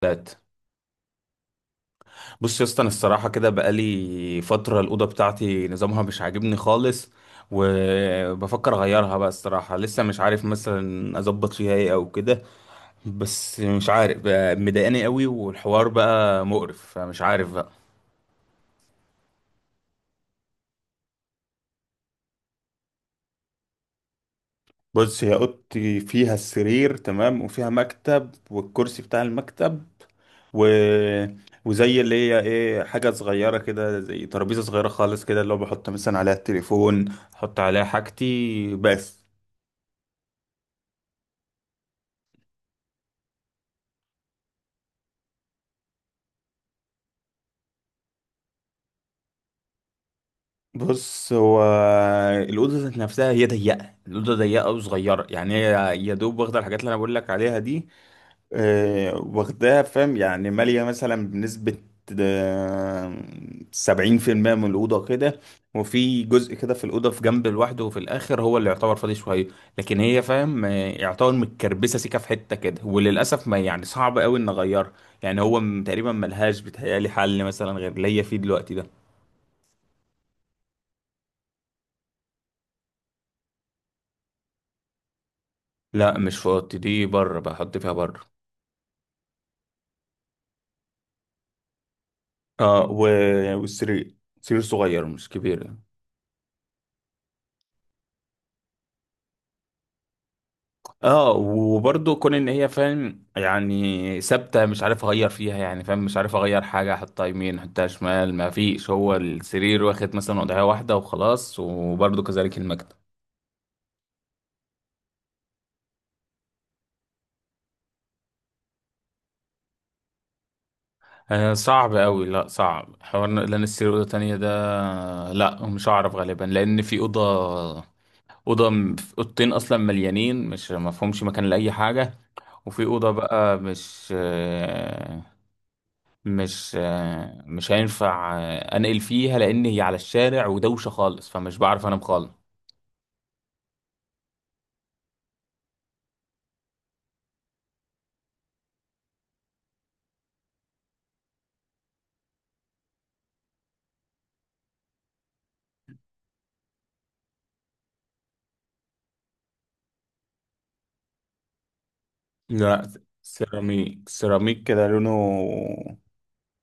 ثلاث. بص يا اسطى، انا الصراحه كده بقالي فتره الاوضه بتاعتي نظامها مش عاجبني خالص، وبفكر اغيرها بقى. الصراحه لسه مش عارف مثلا اظبط فيها ايه او كده. بس مش عارف بقى، مضايقاني قوي والحوار بقى مقرف، فمش عارف بقى. بص هي اوضتي فيها السرير تمام، وفيها مكتب والكرسي بتاع المكتب و... وزي اللي هي ايه حاجه صغيره كده، زي ترابيزه صغيره خالص كده، اللي هو بحط مثلا عليها التليفون، احط عليها حاجتي بس. بص هو الأوضة ذات نفسها هي ضيقة، الأوضة ضيقة وصغيرة، يعني هي يا دوب واخدة الحاجات اللي أنا بقول لك عليها دي. واخداها فاهم، يعني مالية مثلا بنسبة آه، 70% من الأوضة كده. وفي جزء كده في الأوضة في جنب لوحده، وفي الآخر هو اللي يعتبر فاضي شوية. لكن هي فاهم يعتبر متكربسة سيكة في حتة كده، وللأسف ما يعني صعب أوي إن أغيرها. يعني هو تقريبا ملهاش بيتهيألي حل مثلا غير اللي هي فيه دلوقتي ده. لا مش في اوضتي دي، بره بحط فيها بره. اه و... والسرير، سرير صغير مش كبير يعني. اه وبرضه كون ان هي فاهم يعني ثابته، مش عارف اغير فيها يعني فاهم، مش عارف اغير حاجه، احطها يمين احطها شمال، ما فيش، هو السرير واخد مثلا وضعيه واحده وخلاص، وبرضه كذلك المكتب. آه صعب قوي، لا صعب حوار لان السرير اوضه تانية ده، لا مش هعرف غالبا لان في اوضه، اوضه اوضتين اصلا مليانين، مش مفهومش مكان لاي حاجه. وفي أوضة بقى مش هينفع أنقل فيها، لأن هي على الشارع ودوشة خالص، فمش بعرف أنام خالص. لا، سيراميك، سيراميك كده لونه،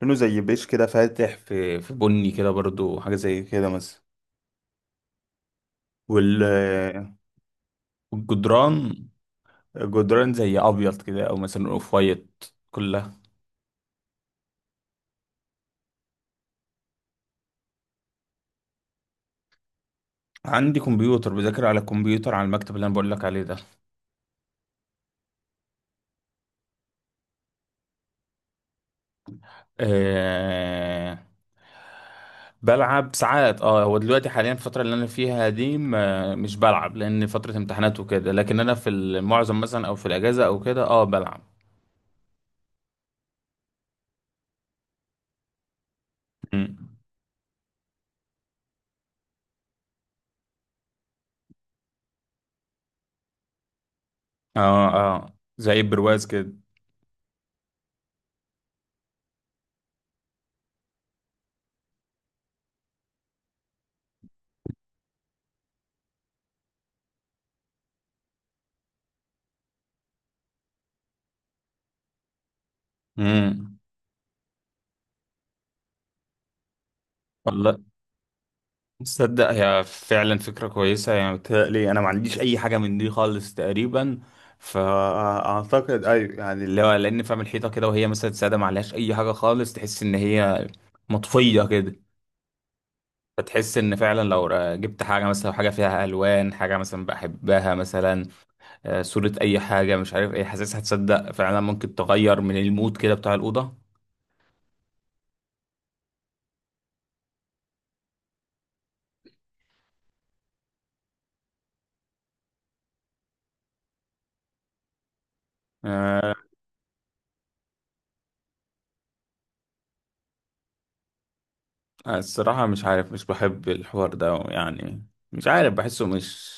لونه زي بيش كده، فاتح في بني كده برضو، حاجة زي كده مثلا. وال والجدران، الجدران زي أبيض كده، أو مثلا أوف وايت كلها. عندي كمبيوتر، بذاكر على الكمبيوتر على المكتب اللي أنا بقول لك عليه ده. آه، بلعب ساعات، اه هو دلوقتي حاليا الفترة اللي انا فيها دي ما مش بلعب لان فترة امتحانات وكده، لكن انا في المعظم مثلا او في الاجازة او كده اه بلعب. مم. اه، اه زي برواز كده. امم. والله، تصدق هي فعلا فكرة كويسة، يعني بتهيألي انا ما عنديش اي حاجة من دي خالص تقريبا. فاعتقد ايوه، يعني اللي هو لان فاهم الحيطة كده وهي مثلا سادة ما عليهاش اي حاجة خالص، تحس ان هي مطفية كده. فتحس ان فعلا لو جبت حاجه مثلا، حاجه فيها الوان، حاجه مثلا بحبها مثلا صوره، اي حاجه مش عارف ايه، حاسسها هتصدق فعلا ممكن تغير من المود كده بتاع الاوضه. آه، الصراحه مش عارف، مش بحب الحوار ده يعني، مش عارف بحسه مش،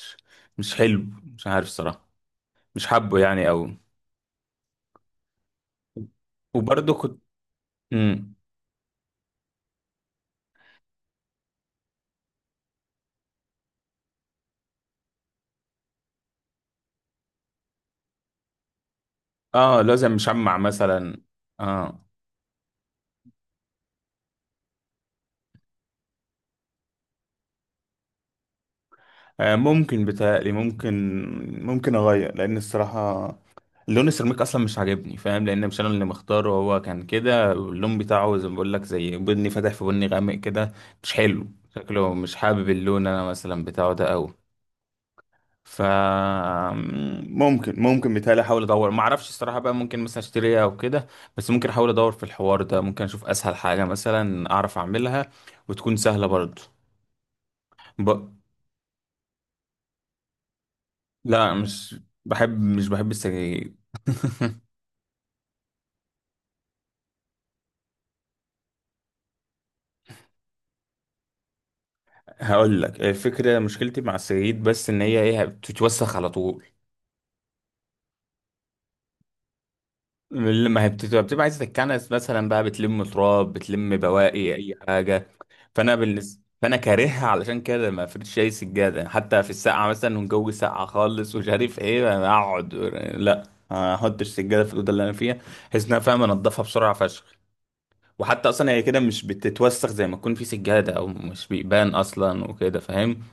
مش حلو، مش عارف الصراحه، مش حابه يعني قوي. وبرضه كنت. مم. اه لازم مشمع مثلا. اه، ممكن بتهيألي ممكن، ممكن اغير لان الصراحه لون السيراميك اصلا مش عاجبني فاهم، لان مش انا اللي مختاره، هو كان كده اللون بتاعه زي ما بقول لك، زي بني فاتح في بني غامق كده، مش حلو شكله، مش حابب اللون انا مثلا بتاعه ده قوي. ف، ممكن ممكن بيتهيألي احاول ادور، ما اعرفش الصراحه بقى، ممكن مثلا اشتريها او كده. بس ممكن احاول ادور في الحوار ده، ممكن اشوف اسهل حاجه مثلا اعرف اعملها، وتكون سهله برضه. ب... لا، مش بحب السجاير. هقول لك الفكره، مشكلتي مع السجاير بس ان هي ايه بتتوسخ على طول، لما هي بتبقى عايزه تتكنس مثلا بقى، بتلم تراب، بتلم بواقي اي حاجه. فانا بالنسبه، فانا كارهها علشان كده، ما فرش اي سجاده يعني، حتى في السقعه مثلا والجو ساقع خالص ومش عارف ايه أنا اقعد، لا، ما احطش سجاده في الاوضه اللي انا فيها، بحيث ان انا فاهم انضفها بسرعه فشخ، وحتى اصلا هي كده مش بتتوسخ زي ما تكون في سجاده، او مش بيبان اصلا وكده فاهم.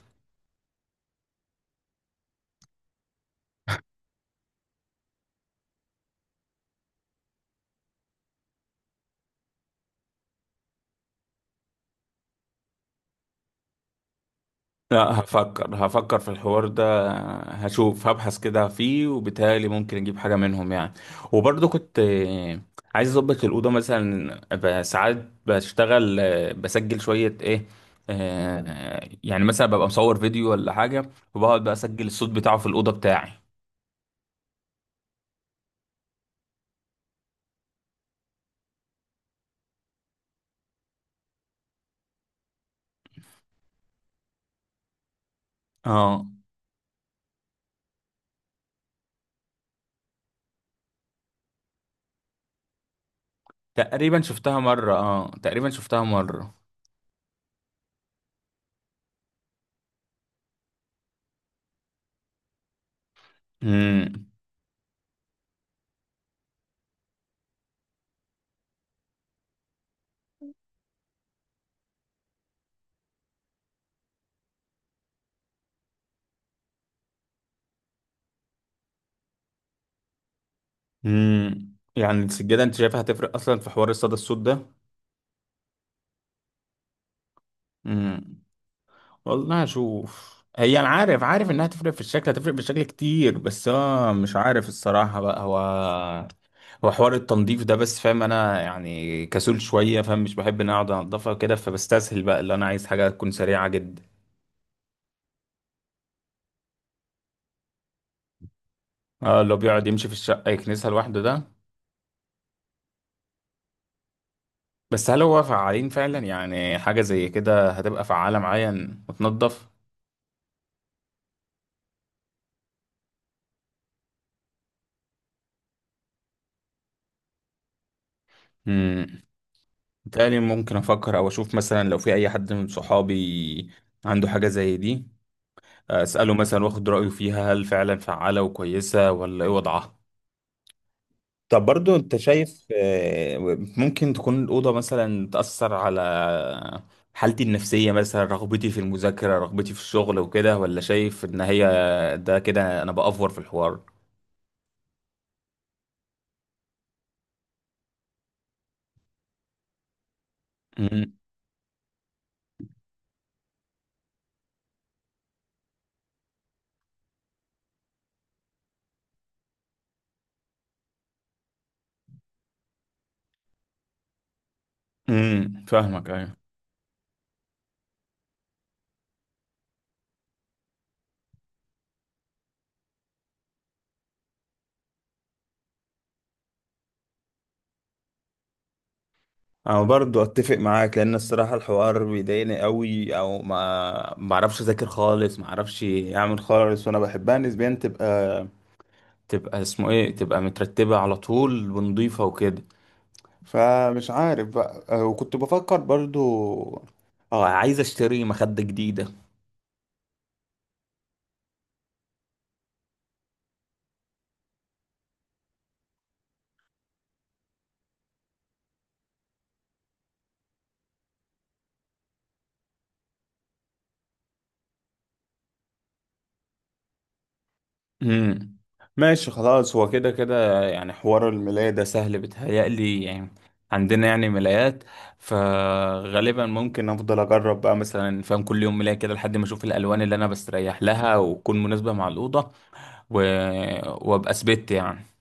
لا، هفكر هفكر في الحوار ده، هشوف هبحث كده فيه، وبالتالي ممكن اجيب حاجة منهم يعني. وبرضه كنت عايز اظبط الأوضة مثلا ساعات بشتغل، بسجل شوية ايه، يعني مثلا ببقى مصور فيديو ولا حاجة، وبقعد بقى اسجل الصوت بتاعه في الأوضة بتاعي. اه تقريبا شفتها مرة، اه تقريبا شفتها مرة. امم. يعني السجادة انت شايفها هتفرق اصلا في حوار الصدى الصوت ده؟ والله اشوف هي، انا عارف عارف انها هتفرق في الشكل، هتفرق في الشكل كتير، بس هو مش عارف الصراحة بقى، هو حوار التنظيف ده بس فاهم انا يعني كسول شوية فاهم، مش بحب ان انا اقعد انضفها كده، فبستسهل بقى، اللي انا عايز حاجة تكون سريعة جدا. اه اللي هو بيقعد يمشي في الشقة يكنسها لوحده ده. بس هل هو فعالين فعلا يعني؟ حاجة زي كده هتبقى فعالة معايا إن وتنضف. امم. بالتالي ممكن افكر او اشوف مثلا لو في اي حد من صحابي عنده حاجة زي دي، اساله مثلا واخد رايه فيها هل فعلا فعاله وكويسه ولا ايه وضعها. طب برضو انت شايف ممكن تكون الأوضة مثلا تأثر على حالتي النفسية، مثلا رغبتي في المذاكرة، رغبتي في الشغل وكده، ولا شايف ان هي، ده كده انا بأفور في الحوار. امم. أمم، فاهمك ايوه. انا برضو اتفق معاك لان الصراحة الحوار بيضايقني قوي، او ما اعرفش اذاكر خالص، ما اعرفش اعمل خالص، وانا بحبها نسبيا تبقى، تبقى اسمه ايه، تبقى مترتبة على طول ونضيفة وكده. فمش عارف بقى. وكنت بفكر برضو اه عايز اشتري مخدة جديدة. امم. ماشي خلاص، هو كده كده يعني حوار الملاية ده سهل بيتهيألي يعني، عندنا يعني ملايات، فغالبا ممكن افضل اجرب بقى مثلا فاهم كل يوم ملاية كده لحد ما اشوف الالوان اللي انا بستريح لها وتكون مناسبة مع الأوضة، و... وابقى ثبت يعني.